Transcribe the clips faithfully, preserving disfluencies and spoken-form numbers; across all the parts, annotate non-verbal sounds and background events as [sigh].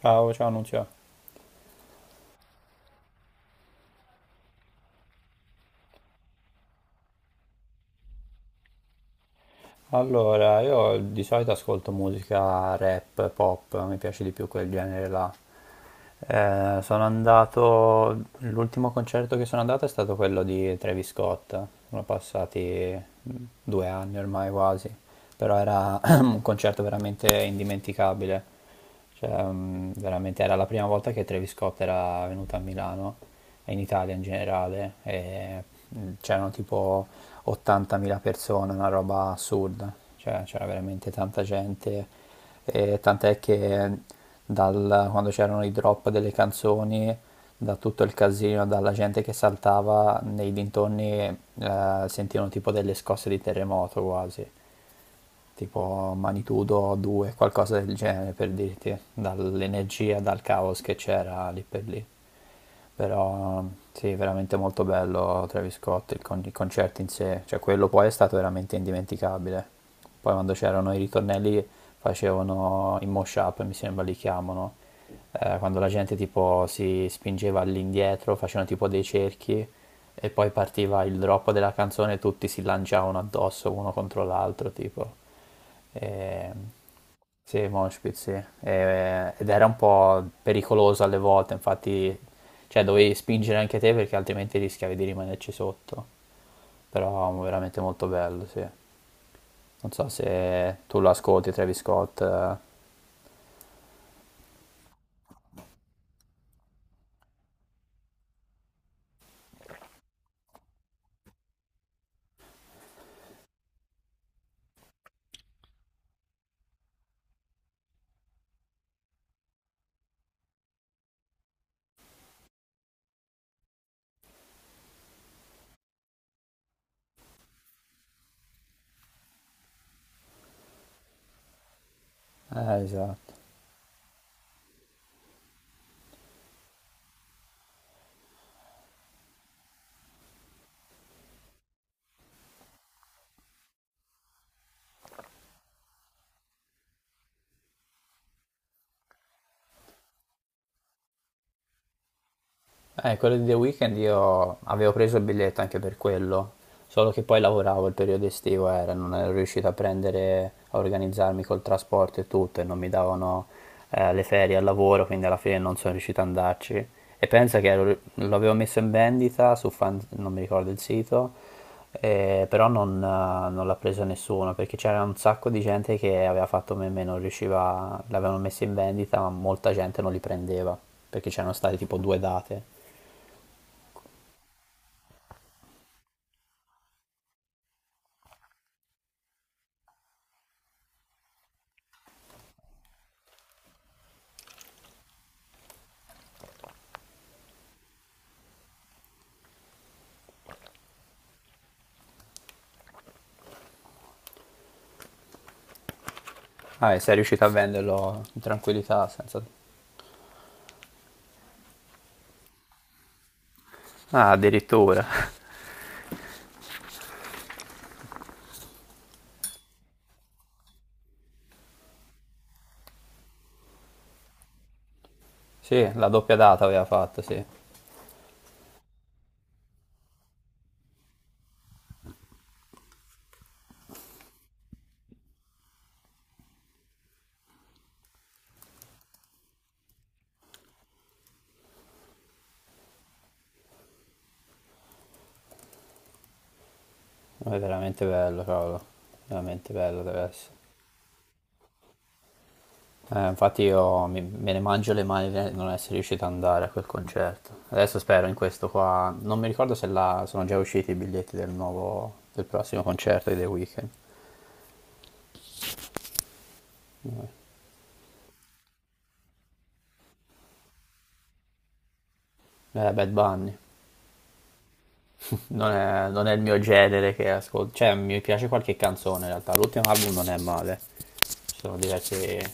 Ciao, ciao Nunzio. Allora, io di solito ascolto musica rap, pop, mi piace di più quel genere là. Eh, sono andato, l'ultimo concerto che sono andato è stato quello di Travis Scott, sono passati mm, due anni ormai quasi, però era [clears throat] un concerto veramente indimenticabile. Cioè, mm, veramente era la prima volta che Travis Scott era venuto a Milano e in Italia in generale. E mm, c'erano tipo ottantamila persone, una roba assurda. Cioè, c'era veramente tanta gente. E tant'è che dal- quando c'erano i drop delle canzoni, da tutto il casino, dalla gente che saltava nei dintorni, eh, sentivano tipo delle scosse di terremoto quasi tipo magnitudo due, qualcosa del genere per dirti, dall'energia, dal caos che c'era lì per lì. Però sì, veramente molto bello Travis Scott, il, con- i concerti in sé, cioè quello poi è stato veramente indimenticabile. Poi quando c'erano i ritornelli facevano i mosh up, mi sembra li chiamano, eh, quando la gente tipo si spingeva all'indietro, facevano tipo dei cerchi e poi partiva il drop della canzone e tutti si lanciavano addosso uno contro l'altro, tipo. E... Sì, mosh pit, sì. E- Ed era un po' pericoloso alle volte, infatti, cioè dovevi spingere anche te perché altrimenti rischiavi di rimanerci sotto. Però veramente molto bello, sì. Non so se tu lo ascolti, Travis Scott. Eh, esatto. Eh, quello di The Weeknd io avevo preso il biglietto anche per quello, solo che poi lavoravo il periodo estivo, era, non ero riuscito a prendere, a organizzarmi col trasporto e tutto, e non mi davano eh, le ferie al lavoro, quindi alla fine non sono riuscito ad andarci. E pensa che ero- l'avevo messo in vendita su fan, non mi ricordo il sito, eh, però non, eh, non l'ha preso nessuno, perché c'era un sacco di gente che aveva fatto meme, non riusciva, l'avevano messo in vendita, ma molta gente non li prendeva, perché c'erano state tipo due date. Ah, e sei riuscito a venderlo in tranquillità senza... Ah, addirittura. Sì, la doppia data aveva fatto, sì. Ma è veramente bello, cavolo. Veramente bello deve essere. Eh, infatti io mi- me ne mangio le mani di non essere riuscito ad andare a quel concerto. Adesso spero in questo qua... Non mi ricordo se la... sono già usciti i biglietti del nuovo... del prossimo concerto di The Weeknd. Eh, Bad Bunny. Non è, non è il mio genere che ascolto. Cioè, mi piace qualche canzone in realtà. L'ultimo album non è male. Ci sono diverse.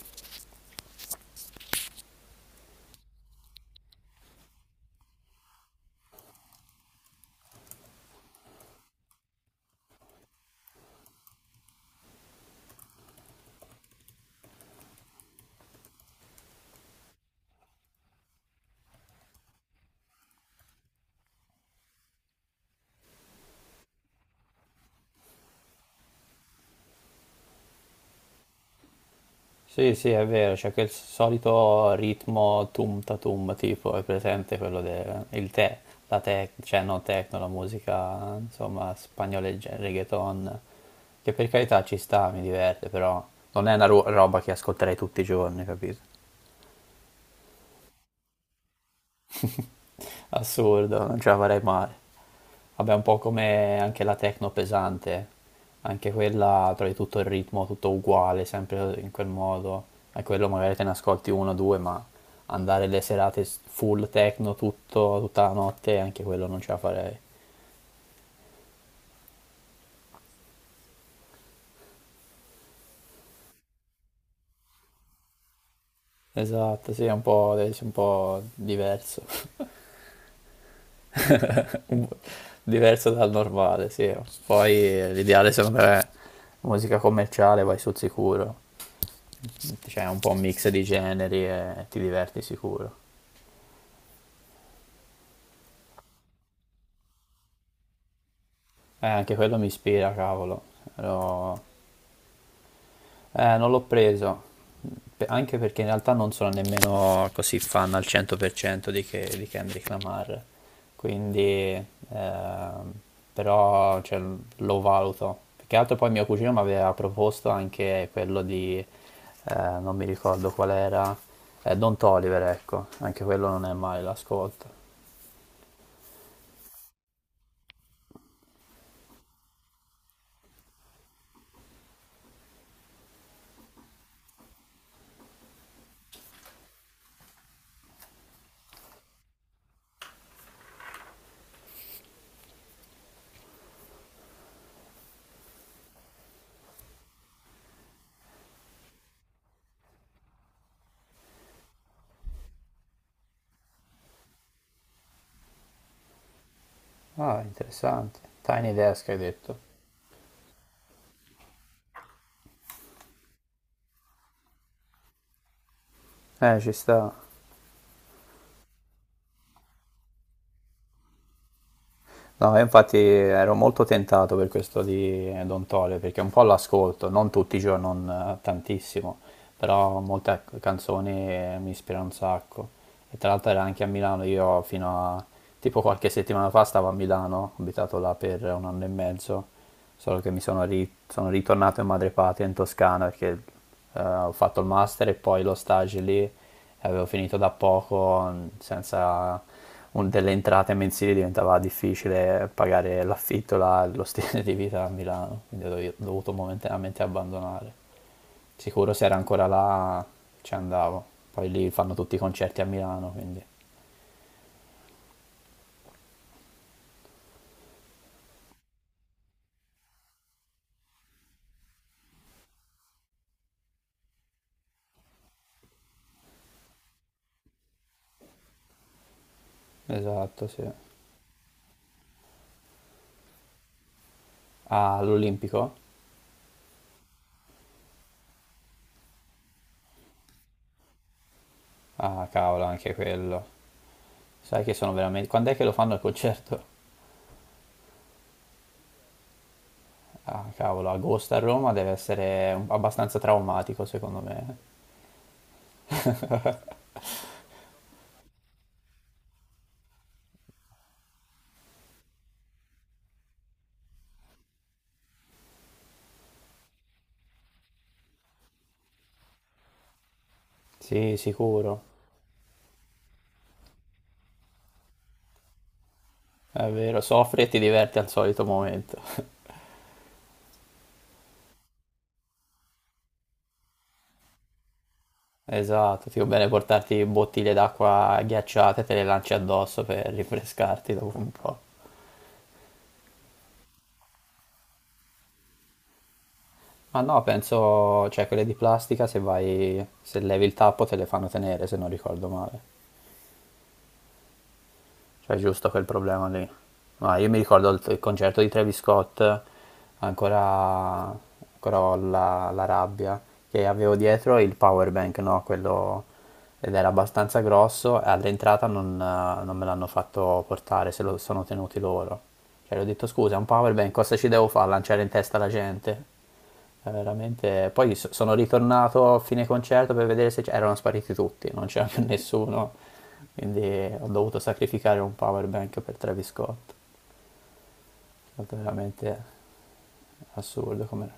Sì, sì, è vero, c'è quel solito ritmo tum ta tum, tipo, è presente quello del il te, la tec, cioè non techno, la musica, insomma, spagnoleggia, reggaeton, che per carità ci sta, mi diverte, però non è una ro- roba che ascolterei tutti i giorni, capito? Assurdo, non ce la farei mai. Vabbè, un po' come anche la techno pesante, anche quella trovi tutto il ritmo, tutto uguale, sempre in quel modo. E quello magari te ne ascolti uno o due, ma andare le serate s- full techno tutto, tutta la notte, anche quello non ce la farei. Esatto, sì, è un po', deve essere un po' diverso. [laughs] Un po' diverso dal normale, sì. Poi eh, l'ideale secondo me è musica commerciale, vai sul sicuro. Cioè, un po' un mix di generi e ti diverti sicuro. Eh, anche quello mi ispira, cavolo. Lo- eh, non l'ho preso, Pe- anche perché in realtà non sono nemmeno così fan al cento per cento di, che- di Kendrick Lamar. Quindi, ehm, però, cioè, lo valuto. Più che altro poi mio cugino mi aveva proposto anche quello di, eh, non mi ricordo qual era, eh, Don Toliver, ecco. Anche quello non è male l'ascolto. Ah, interessante. Tiny Desk hai detto. Eh, ci sta. No, io infatti ero molto tentato per questo di Don Tole, perché un po' l'ascolto, non tutti i giorni, non eh, tantissimo, però molte ac- canzoni eh, mi ispirano un sacco. E tra l'altro era anche a Milano, io fino a tipo qualche settimana fa stavo a Milano, ho abitato là per un anno e mezzo, solo che mi sono, ri- sono ritornato in madrepatria in Toscana perché eh, ho fatto il master e poi lo stage lì e avevo finito da poco, mh, senza un- delle entrate mensili diventava difficile pagare l'affitto, la- lo stile di vita a Milano, quindi ho dovi- dovuto momentaneamente abbandonare. Sicuro se era ancora là ci andavo, poi lì fanno tutti i concerti a Milano, quindi... Esatto, sì. Ah, all'Olimpico? Ah, cavolo, anche quello. Sai che sono veramente... Quando è che lo fanno il concerto? Ah, cavolo, agosto a Roma deve essere un- abbastanza traumatico, secondo me. Sì, sicuro. È vero, soffri e ti diverti al solito momento. [laughs] Esatto, ti va bene portarti bottiglie d'acqua ghiacciate, te le lanci addosso per rinfrescarti dopo un po'. Ma no, penso, cioè quelle di plastica, se vai, se levi il tappo te le fanno tenere, se non ricordo male. Cioè, è giusto quel problema lì. No, io mi ricordo il, il concerto di Travis Scott, ancora, ancora ho la, la rabbia, che avevo dietro il power bank, no? Quello, ed era abbastanza grosso, e all'entrata non, eh, non me l'hanno fatto portare, se lo sono tenuti loro. Cioè, gli ho detto, scusa, è un power bank, cosa ci devo fare? Lanciare in testa la gente? È veramente... Poi so- sono ritornato a fine concerto per vedere se c- erano spariti tutti, non c'era più nessuno, quindi ho dovuto sacrificare un power bank per Travis Scott. È stato veramente assurdo come...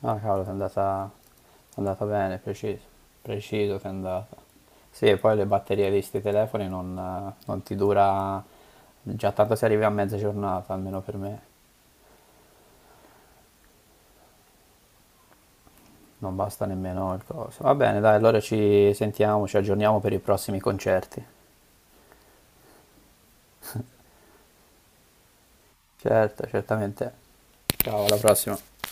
Ah, cavolo, ti è andata... è andata bene, preciso, preciso ti è andata. Sì, e poi le batterie di sti telefoni non, non ti dura... Già tanto si arriva a mezza giornata, almeno per me. Non basta nemmeno il coso. Va bene, dai, allora ci sentiamo, ci aggiorniamo per i prossimi concerti. Certo, certamente. Ciao, alla prossima.